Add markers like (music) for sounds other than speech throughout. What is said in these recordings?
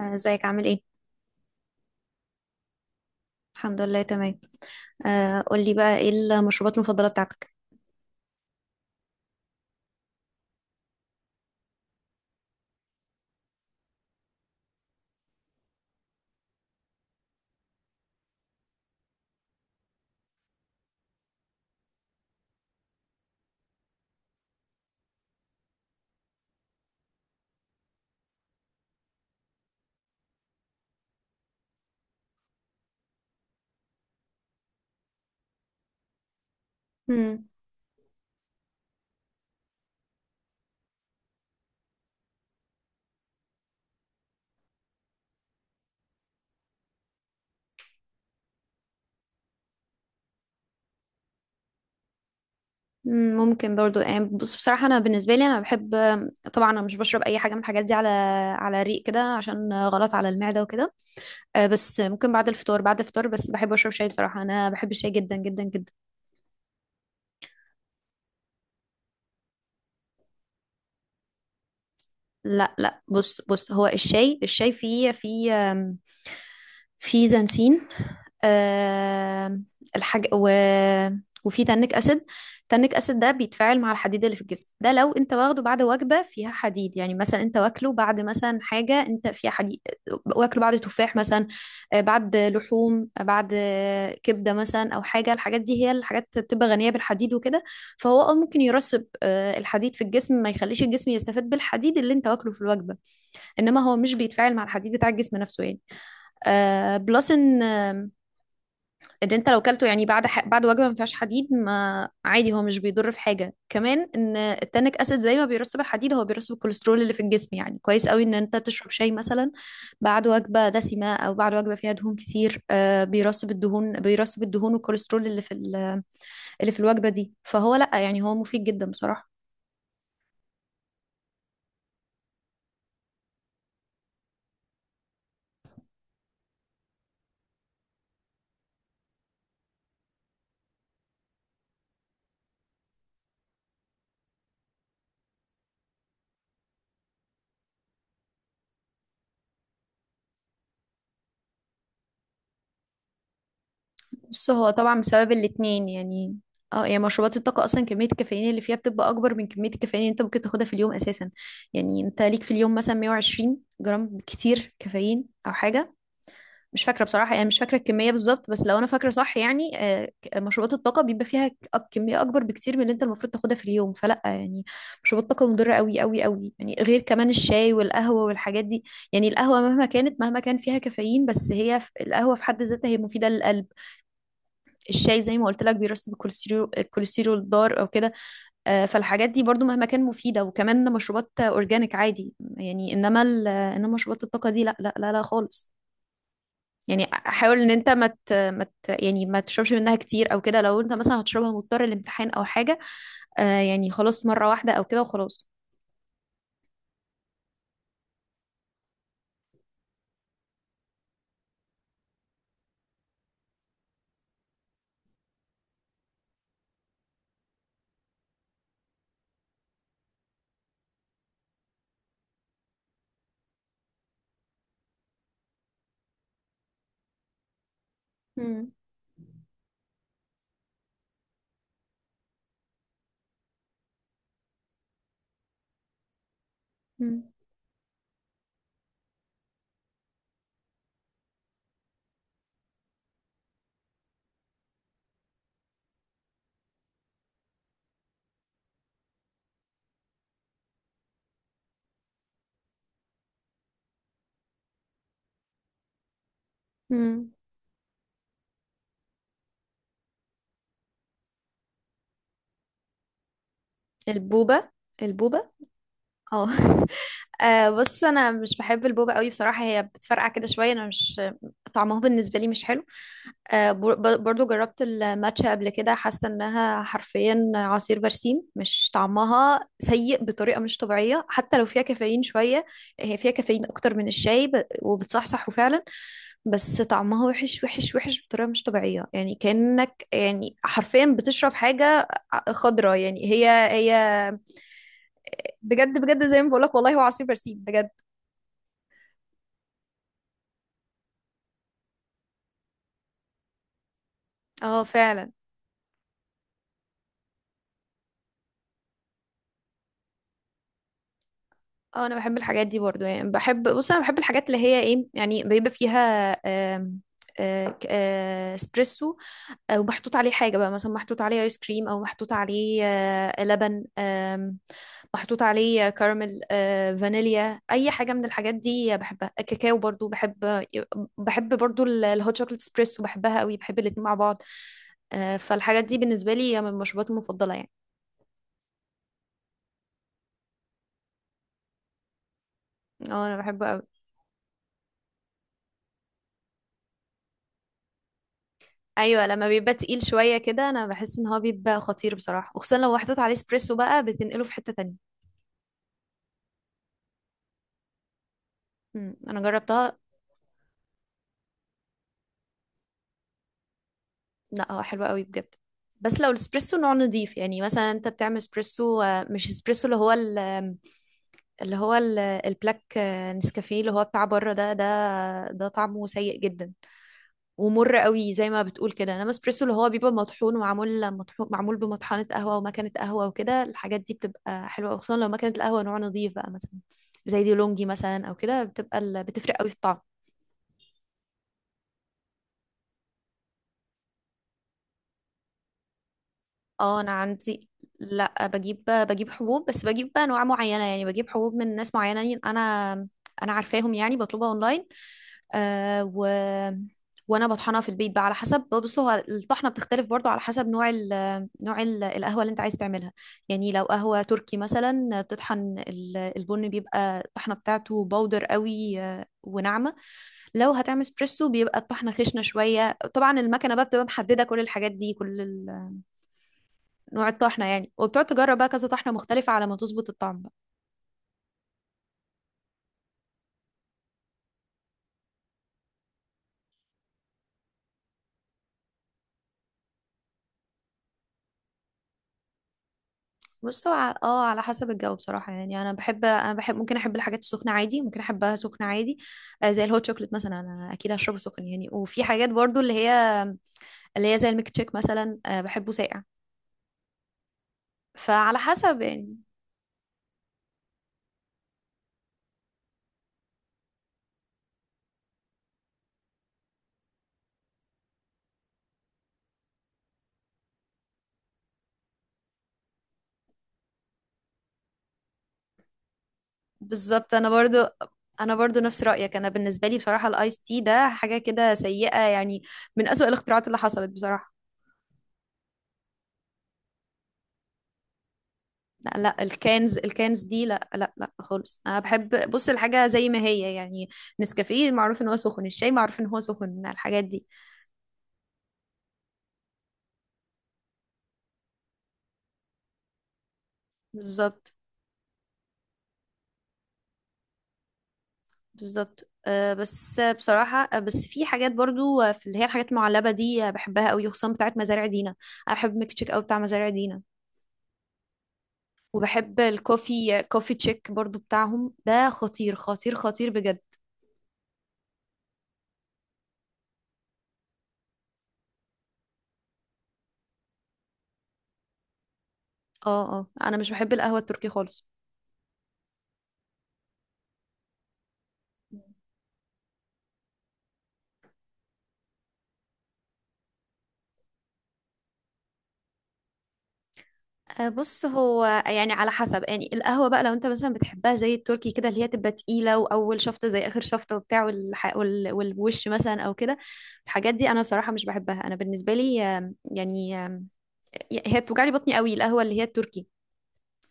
آه، ازيك عامل ايه؟ الحمد لله تمام. آه، قولي بقى ايه المشروبات المفضلة بتاعتك؟ مم. مم، ممكن برضو يعني بصراحة انا بالنسبة لي بحب. طبعا انا مش بشرب اي حاجة من الحاجات دي على ريق كده عشان غلط على المعدة وكده. بس ممكن بعد الفطار بعد الفطار بس بحب اشرب شاي. بصراحة انا بحب الشاي جدا جدا جدا. لا لا، بص هو الشاي فيه في زنسين. آه. الحاج و... وفي تانيك اسيد. تانيك اسيد ده بيتفاعل مع الحديد اللي في الجسم. ده لو انت واخده بعد وجبه فيها حديد، يعني مثلا انت واكله بعد مثلا حاجه انت فيها حديد، واكله بعد تفاح مثلا، بعد لحوم، آه، بعد آه، كبده مثلا او حاجه. الحاجات دي هي الحاجات بتبقى غنيه بالحديد وكده. فهو اه ممكن يرسب الحديد في الجسم، ما يخليش الجسم يستفاد بالحديد اللي انت واكله في الوجبه. انما هو مش بيتفاعل مع الحديد بتاع الجسم نفسه يعني. آه بلس ان آه، ان انت لو كلته يعني بعد وجبه ما فيهاش حديد ما عادي، هو مش بيضر في حاجه. كمان ان التانيك اسيد زي ما بيرسب الحديد هو بيرسب الكوليسترول اللي في الجسم. يعني كويس قوي ان انت تشرب شاي مثلا بعد وجبه دسمه او بعد وجبه فيها دهون كتير. آه، بيرسب الدهون، بيرسب الدهون والكوليسترول اللي في الوجبه دي. فهو لا، يعني هو مفيد جدا بصراحه. بص هو طبعا بسبب الاتنين يعني. اه يعني مشروبات الطاقة أصلا كمية الكافيين اللي فيها بتبقى أكبر من كمية الكافيين اللي أنت ممكن تاخدها في اليوم أساسا. يعني أنت ليك في اليوم مثلا 120 جرام كتير كافيين أو حاجة. مش فاكرة بصراحة، يعني مش فاكرة الكمية بالظبط، بس لو أنا فاكرة صح يعني، مشروبات الطاقة بيبقى فيها كمية أكبر بكتير من اللي أنت المفروض تاخدها في اليوم. فلأ يعني، مشروبات الطاقة مضرة أوي أوي أوي يعني، غير كمان الشاي والقهوة والحاجات دي. يعني القهوة مهما كانت، مهما كان فيها كافيين، القهوة في حد ذاتها هي مفيدة للقلب. الشاي زي ما قلت لك بيرسب الكوليسترول، الكوليسترول الضار او كده. آه، فالحاجات دي برضو مهما كان مفيده، وكمان مشروبات اورجانيك عادي يعني. انما مشروبات الطاقه دي لا لا لا لا خالص. يعني حاول ان انت ما مت مت يعني ما تشربش منها كتير او كده. لو انت مثلا هتشربها مضطر لامتحان او حاجه، آه، يعني خلاص مره واحده او كده وخلاص. مم. مم. مم. البوبه؟ البوبه. اه (laughs) آه، بص انا مش بحب البوبا قوي بصراحه، هي بتفرقع كده شويه. انا مش، طعمها بالنسبه لي مش حلو. آه، برضو جربت الماتشا قبل كده. حاسه انها حرفيا عصير برسيم. مش طعمها سيء بطريقه مش طبيعيه حتى لو فيها كافيين شويه. هي فيها كافيين اكتر من الشاي وبتصحصح فعلا. بس طعمها وحش وحش وحش بطريقه مش طبيعيه، يعني كانك يعني حرفيا بتشرب حاجه خضراء يعني. هي هي بجد بجد زي ما بقولك والله، هو عصير برسيم بجد. اه فعلا. اه انا بحب الحاجات دي برضو يعني. بحب، بص انا بحب الحاجات اللي هي ايه، يعني بيبقى فيها آم، آه، ك- آه، اسبريسو، ومحطوط عليه حاجة بقى، مثلا محطوط عليه ايس كريم، او محطوط عليه لبن، محطوط عليه كراميل، فانيليا. اي حاجة من الحاجات دي بحبها. الكاكاو برضو بحب. الهوت شوكليت اسبريسو بحبها قوي، بحب الاتنين مع بعض. آه، فالحاجات دي بالنسبة لي من المشروبات المفضلة يعني. اه انا بحبه قوي. ايوه لما بيبقى تقيل شويه كده، انا بحس ان هو بيبقى خطير بصراحه، وخصوصا لو محطوط عليه اسبريسو بقى بتنقله في حته تانية. انا جربتها. لا هو حلو قوي بجد. بس لو الاسبريسو نوع نضيف يعني. مثلا انت بتعمل اسبريسو، مش اسبريسو اللي هو ال- آم، اللي هو ال- البلاك، نسكافيه اللي هو بتاع بره ده، ده طعمه سيء جدا ومر قوي زي ما بتقول كده. انما اسبريسو اللي هو بيبقى مطحون ومعمول، مطحون معمول بمطحنه قهوه ومكنه قهوه وكده، الحاجات دي بتبقى حلوه، خصوصا لو مكنه القهوه نوع نظيف بقى، مثلا زي دي لونجي مثلا او كده، بتفرق قوي في الطعم. اه انا عندي. لا، بجيب حبوب. بس بجيب بقى انواع معينه، يعني بجيب حبوب من ناس معينه انا، انا عارفاهم يعني، بطلبها اونلاين. آه و... وانا بطحنها في البيت بقى، على حسب. بص هو الطحنه بتختلف برضو على حسب نوع القهوه اللي انت عايز تعملها. يعني لو قهوه تركي مثلا، البن بيبقى الطحنه بتاعته باودر قوي، وناعمه. لو هتعمل اسبريسو بيبقى الطحنه خشنه شويه. طبعا المكنه بقى بتبقى محدده كل الحاجات دي، نوع الطحنه يعني. وبتقعد تجرب بقى كذا طحنه مختلفه على ما تظبط الطعم. بص هو على حسب الجو بصراحة يعني. أنا بحب، ممكن أحب الحاجات السخنة عادي، ممكن أحبها سخنة عادي. آه، زي الهوت شوكليت مثلا أنا أكيد هشربه سخن يعني. وفي حاجات برضو اللي هي زي الميك تشيك مثلا، آه، بحبه ساقع. فعلى حسب يعني. بالظبط. أنا برضو نفس رأيك. أنا بالنسبة لي بصراحة الآيس تي ده حاجة كده سيئة يعني، من أسوأ الاختراعات اللي حصلت بصراحة. لا لا، الكانز دي لا لا لا خالص. انا بحب، بص الحاجه زي ما هي يعني. نسكافيه معروف ان هو سخن، الشاي معروف ان هو سخن، الحاجات دي. بالظبط. بالظبط، آه، بس بصراحة بس في حاجات برضو، في اللي هي الحاجات المعلبة دي، بحبها قوي خصوصا بتاعت مزارع دينا. أنا بحب ميك تشيك قوي بتاع مزارع دينا. وبحب الكوفي، كوفي تشيك برضو بتاعهم ده خطير خطير خطير بجد. اه اه انا مش بحب القهوة التركي خالص. آه، بص هو يعني على حسب يعني. القهوة بقى لو انت مثلا بتحبها زي التركي كده، اللي هي تبقى تقيلة وأول شفطة زي آخر شفطة وبتاع، والوش مثلا أو كده، الحاجات دي أنا بصراحة مش بحبها. أنا بالنسبة لي آم، يعني آم، هي بتوجعلي بطني قوي القهوة اللي هي التركي،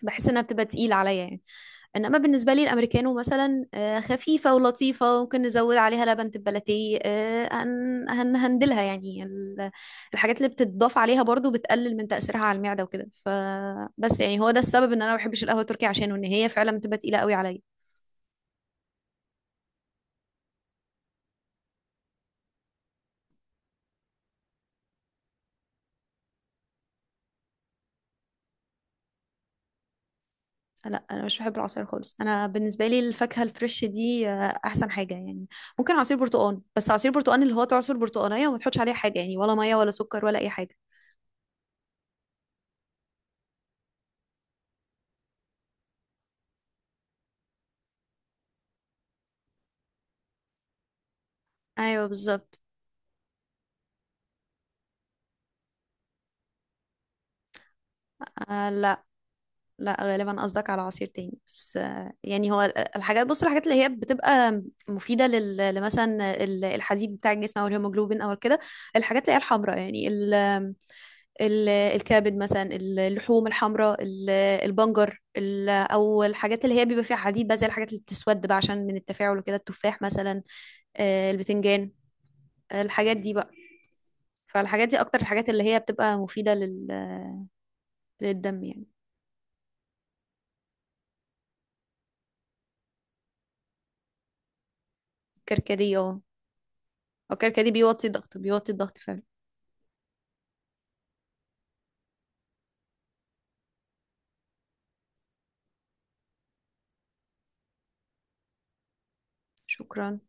بحس إنها بتبقى تقيلة عليا يعني. انما بالنسبه لي الامريكانو مثلا، آه، خفيفه ولطيفه، ممكن نزود عليها لبن تبلتيه، هندلها يعني. الحاجات اللي بتتضاف عليها برضو بتقلل من تاثيرها على المعده وكده. فبس يعني هو ده السبب ان انا ما بحبش القهوه التركي، عشانه ان هي فعلا بتبقى تقيله قوي عليا. لا انا مش بحب العصاير خالص. انا بالنسبه لي الفاكهه الفريش دي، آه، احسن حاجه يعني. ممكن عصير برتقال، بس عصير برتقال اللي هو تعصر برتقانيه وما تحطش عليه حاجه يعني، ولا ميه ولا سكر ولا اي حاجه. ايوه بالظبط. آه، لا. لا غالبا قصدك على عصير تاني. بس آه، يعني الحاجات، بص الحاجات اللي هي بتبقى مفيدة الحديد بتاع الجسم، او الهيموجلوبين او كده. الحاجات اللي هي الحمراء يعني، ال ال الكبد مثلا، اللحوم الحمراء، البنجر، او الحاجات اللي هي بيبقى فيها حديد بقى، زي الحاجات اللي بتسود بقى عشان من التفاعل وكده، التفاح مثلا، آه، البتنجان، الحاجات دي بقى. فالحاجات دي اكتر الحاجات اللي هي بتبقى مفيدة لل، للدم يعني. كركديه، اه. او كركديه بيوطي الضغط، بيوطي الضغط فعلا. شكرا.